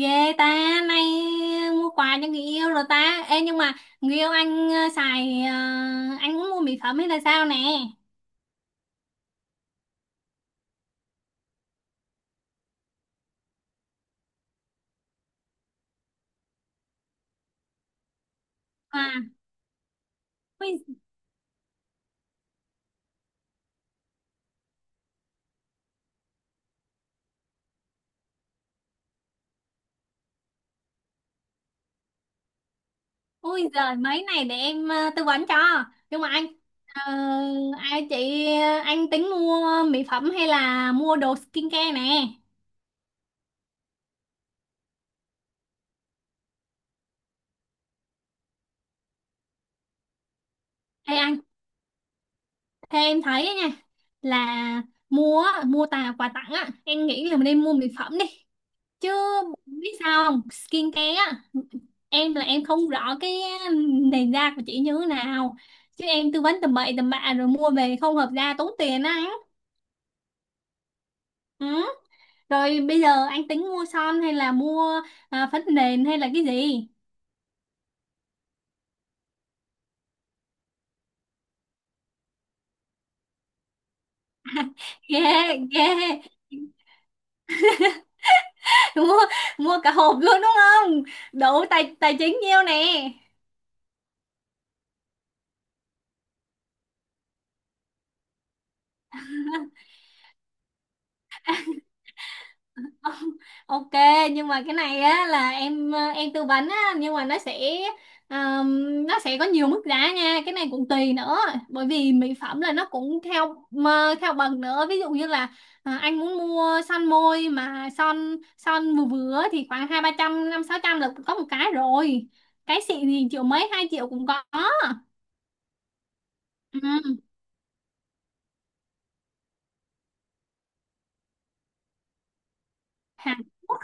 Ghê ta, nay mua quà cho người yêu rồi ta. Ê nhưng mà người yêu anh xài anh cũng mua mỹ phẩm hay là sao nè? À, ui, ui giời mấy này để em tư vấn cho. Nhưng mà anh ờ, ai chị anh tính mua mỹ phẩm hay là mua đồ skincare nè? Ê anh, thế em thấy á nha là mua á, mua tà quà tặng á, em nghĩ là mình nên mua mỹ phẩm đi. Chứ biết sao không? Skincare á, em là em không rõ cái nền da của chị như thế nào, chứ em tư vấn tầm bậy tầm bạ rồi mua về không hợp da tốn tiền á anh. Ừ, rồi bây giờ anh tính mua son hay là mua phấn nền hay là cái gì. Ghê, ghê. mua mua cả hộp luôn đúng không, đủ tài tài chính nhiêu nè. Ok, nhưng mà cái này á là em em tư vấn á, nhưng mà um, nó sẽ có nhiều mức giá nha, cái này cũng tùy nữa, bởi vì mỹ phẩm là nó cũng theo mà theo bậc nữa, ví dụ như là anh muốn mua son môi mà son son vừa vừa thì khoảng 2-300 5-600 là có một cái rồi, cái xịn thì triệu mấy 2 triệu cũng có. Ừ. Hàn Quốc.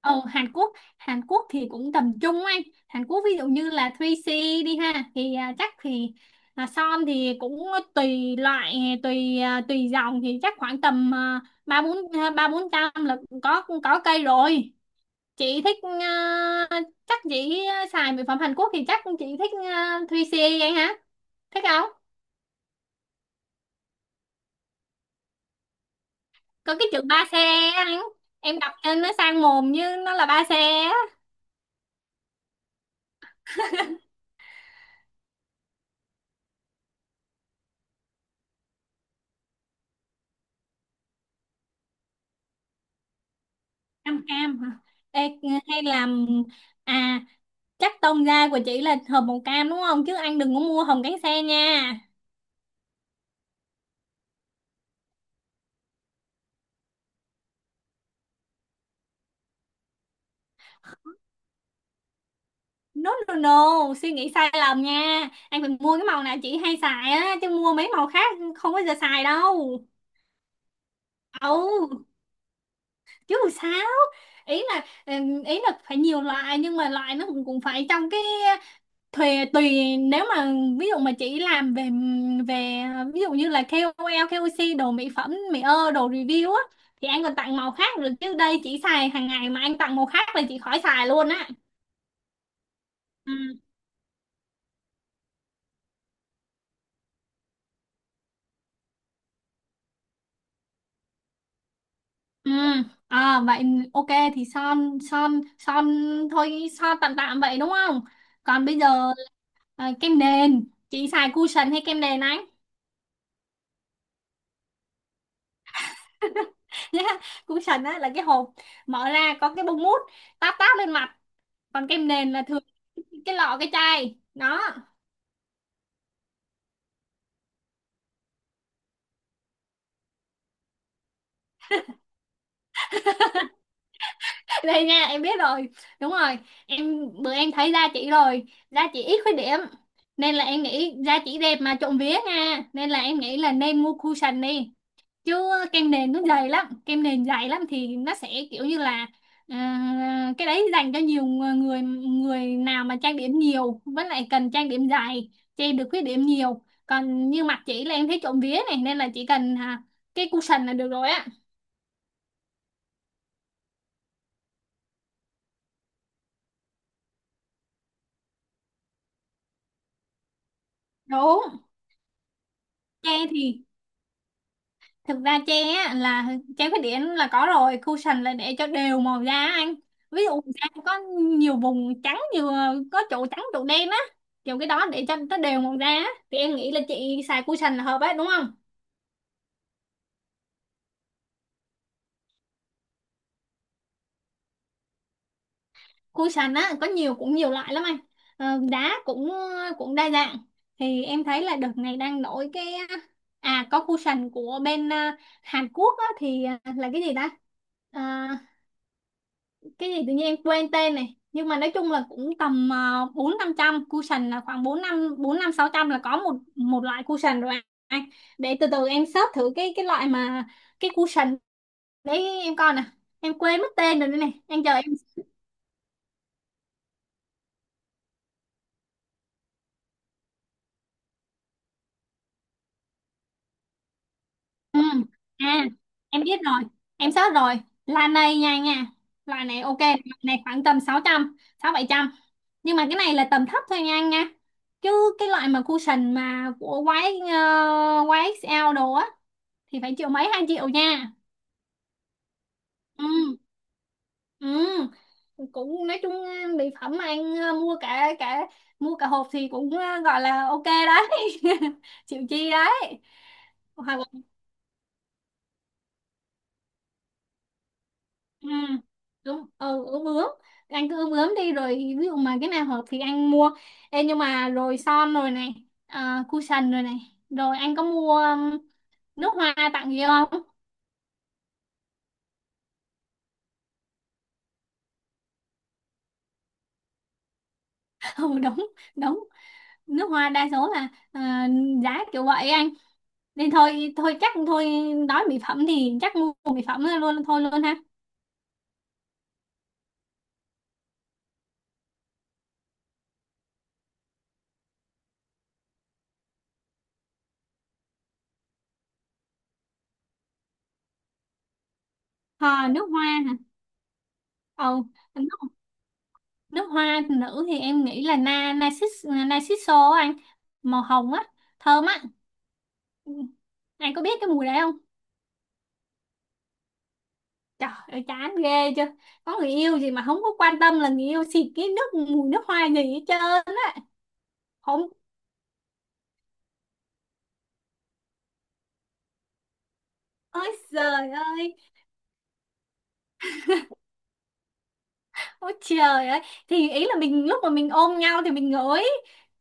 Ờ, Hàn Quốc. Hàn Quốc thì cũng tầm trung anh. Hàn Quốc ví dụ như là 3C đi ha, thì chắc thì son thì cũng tùy loại, tùy tùy dòng thì chắc khoảng tầm 3-400 là có cây rồi. Chị thích chắc chị xài mỹ phẩm Hàn Quốc thì chắc chị thích 3C anh hả, thích không? Có cái chữ ba xe anh, em đọc trên nó sang mồm như nó là ba xe á. Cam cam hả? Ê, hay là à, chắc tông da của chị là hầm màu cam đúng không, chứ anh đừng có mua hồng cánh sen nha. No no no, suy nghĩ sai lầm nha, anh phải mua cái màu nào chị hay xài á, chứ mua mấy màu khác không bao giờ xài đâu. Ấu, chứ sao, ý là phải nhiều loại nhưng mà loại nó cũng cũng phải trong cái thuê tùy, nếu mà ví dụ mà chị làm về về ví dụ như là ca O lờ, ca O KOC đồ mỹ phẩm, mỹ ơ, đồ review á, thì anh còn tặng màu khác được, chứ đây chị xài hàng ngày mà anh tặng màu khác là chị khỏi xài luôn á. Ừ. Ừ. À, vậy ok thì son son son thôi, son tạm tạm vậy đúng không? Còn bây giờ kem nền chị xài cushion hay kem nền anh? Nhá, cushion á là cái hộp mở ra có cái bông mút táp táp lên mặt, còn kem nền là thường cái lọ cái chai đó. Đây nha, em biết rồi, đúng rồi. Em bữa em thấy da chị rồi, da chị ít khuyết điểm nên là em nghĩ da chị đẹp mà trộm vía nha, nên là em nghĩ là nên mua cushion đi, chứ kem nền nó dày lắm, kem nền dày lắm thì nó sẽ kiểu như là cái đấy dành cho nhiều người, người nào mà trang điểm nhiều với lại cần trang điểm dài che được khuyết điểm nhiều, còn như mặt chị là em thấy trộm vía này, nên là chỉ cần cái cushion là được rồi á. Đúng, tre thì thực ra tre á, là tre khuyết điểm là có rồi, cushion là để cho đều màu da anh, ví dụ da có nhiều vùng trắng nhiều, có chỗ trắng chỗ đen á, kiểu cái đó để cho nó đều màu da á. Thì em nghĩ là chị xài cushion là hợp ấy đúng không? Cushion á có nhiều, cũng nhiều loại lắm anh. Ờ, đá cũng cũng đa dạng, thì em thấy là đợt này đang nổi cái, có cushion của bên Hàn Quốc á, thì à, là cái gì ta. À, cái gì tự nhiên em quên tên này, nhưng mà nói chung là cũng tầm 4-500, cushion là khoảng bốn năm 4-5-600 là có một một loại cushion rồi anh. Để từ từ em search thử cái loại mà cái cushion đấy, em coi nè, em quên mất tên rồi, đây này anh chờ em. Ừ. À em biết rồi, em search rồi, là này nha nha. Loại này ok, loại này khoảng tầm 600, 6-700, nhưng mà cái này là tầm thấp thôi nha anh nha, chứ cái loại mà cushion mà của YX, YXL đồ á thì phải triệu mấy hai triệu nha. Ừ, ừ, cũng nói chung mỹ phẩm mà anh mua cả cả mua cả hộp thì cũng gọi là ok đấy. Chịu chi đấy. Hoặc là ừ, đúng ừ, ướm ướm, anh cứ ướm ướm đi rồi ví dụ mà cái nào hợp thì anh mua. Ê, nhưng mà rồi son rồi này, cushion rồi này, rồi anh có mua nước hoa tặng gì không? Ừ đúng đúng, nước hoa đa số là giá kiểu vậy anh, nên thôi thôi chắc thôi, nói mỹ phẩm thì chắc mua mỹ phẩm luôn thôi luôn ha. À, nước hoa hả? Ờ, nước, nước hoa nữ thì em nghĩ là na narcis narciso á anh, màu hồng á, thơm á. Ừ. Anh có biết cái mùi đấy không? Trời ơi chán ghê chưa, có người yêu gì mà không có quan tâm là người yêu xịt cái nước mùi nước hoa gì hết trơn á. Không, ơi trời ơi, ôi trời ơi. Thì ý là mình lúc mà mình ôm nhau thì mình ngửi,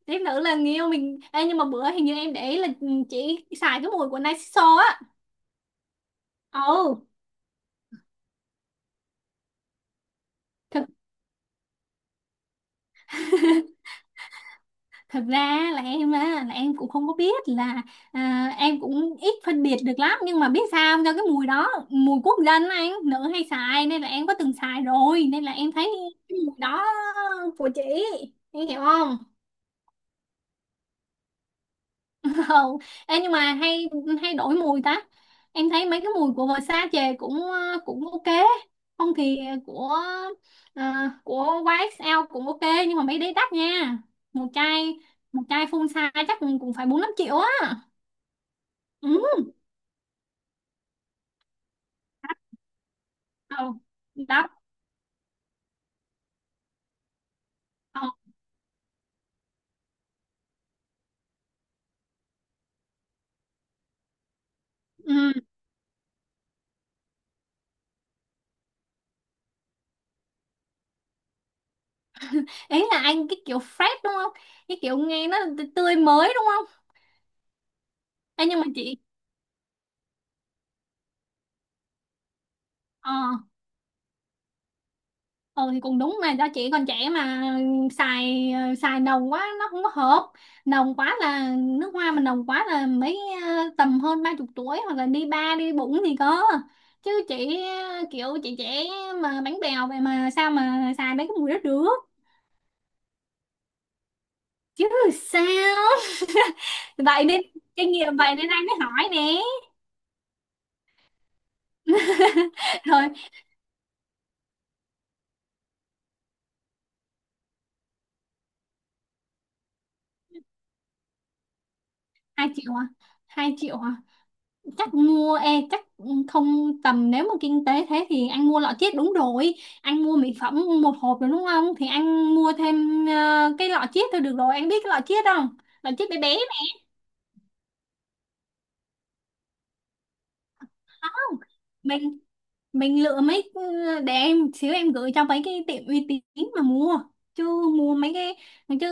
thêm nữa là người yêu mình. Ê, nhưng mà bữa hình như em để ý là ừ, chị xài cái mùi của Narciso á. Ồ. Thực, thật ra là em á là em cũng không có biết là em cũng ít phân biệt được lắm, nhưng mà biết sao không? Do cái mùi đó mùi quốc dân á, anh, nữ hay xài nên là em có từng xài rồi nên là em thấy cái mùi đó của chị, em hiểu không? Không. Ê, nhưng mà hay hay đổi mùi ta, em thấy mấy cái mùi của Versace chè cũng cũng ok, không thì của ờ, của YSL cũng ok, nhưng mà mấy đấy đắt nha. Một chai một chai full size chắc cũng cũng phải 4-5 triệu á. Ừ. Ờ, đắt. Ờ, ừ. Ý là anh cái kiểu fresh đúng không, cái kiểu nghe nó tươi mới đúng không? Ê, nhưng mà chị ờ, ừ thì cũng đúng mà do chị còn trẻ mà, xài xài nồng quá nó không có hợp, nồng quá là nước hoa mà nồng quá là mấy tầm hơn 30 tuổi hoặc là đi ba đi bụng thì có, chứ chị kiểu chị trẻ mà bánh bèo vậy mà sao mà xài mấy cái mùi đó được. Chứ sao. Vậy nên, kinh nghiệm vậy nên anh mới hỏi nè. Rồi, 2 triệu à, 2 triệu chắc mua e chắc không, tầm nếu mà kinh tế thế thì anh mua lọ chiết đúng rồi, anh mua mỹ phẩm một hộp rồi đúng không, thì anh mua thêm cái lọ chiết thôi được rồi, anh biết cái lọ chiết không, lọ chiết bé bé này. Mình mình lựa mấy ừ, để em xíu em gửi cho mấy cái tiệm uy tín mà mua, chứ mua mấy cái, chứ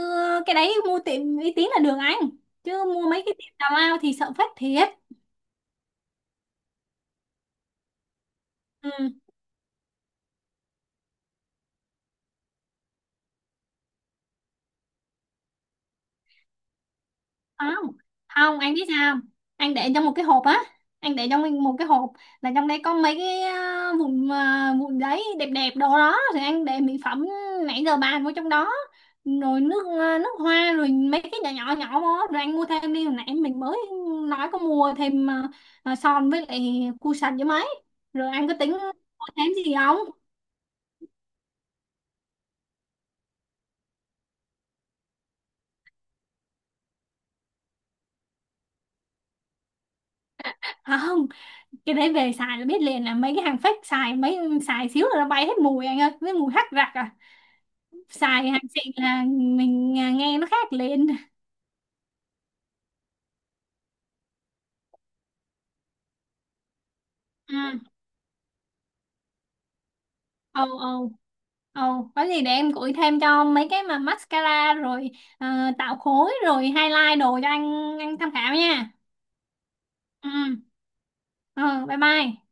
cái đấy mua tiệm uy tín là được anh, chứ mua mấy cái tiệm tào lao thì sợ phát thiệt. Ừ. Không không, anh biết sao không? Anh để trong một cái hộp á, anh để trong một cái hộp là trong đây có mấy cái vụn vụn giấy đẹp đẹp đồ đó, thì anh để mỹ phẩm nãy giờ bàn vô trong đó, rồi nước nước hoa rồi mấy cái nhỏ nhỏ nhỏ vô, rồi anh mua thêm đi, hồi nãy mình mới nói có mua thêm son với lại cu sạch với mấy, rồi anh có tính mua thêm gì không? À, không, cái đấy về xài là biết liền là mấy cái hàng fake, xài xài xíu là nó bay hết mùi anh ơi với mùi hắc rạc à, xài hàng xịn là mình nghe nó khác liền. À, ồ ồ ồ, có gì để em gửi thêm cho mấy cái mà mascara rồi ờ, tạo khối rồi highlight đồ cho anh tham khảo nha. Ừ, ừ, bye bye.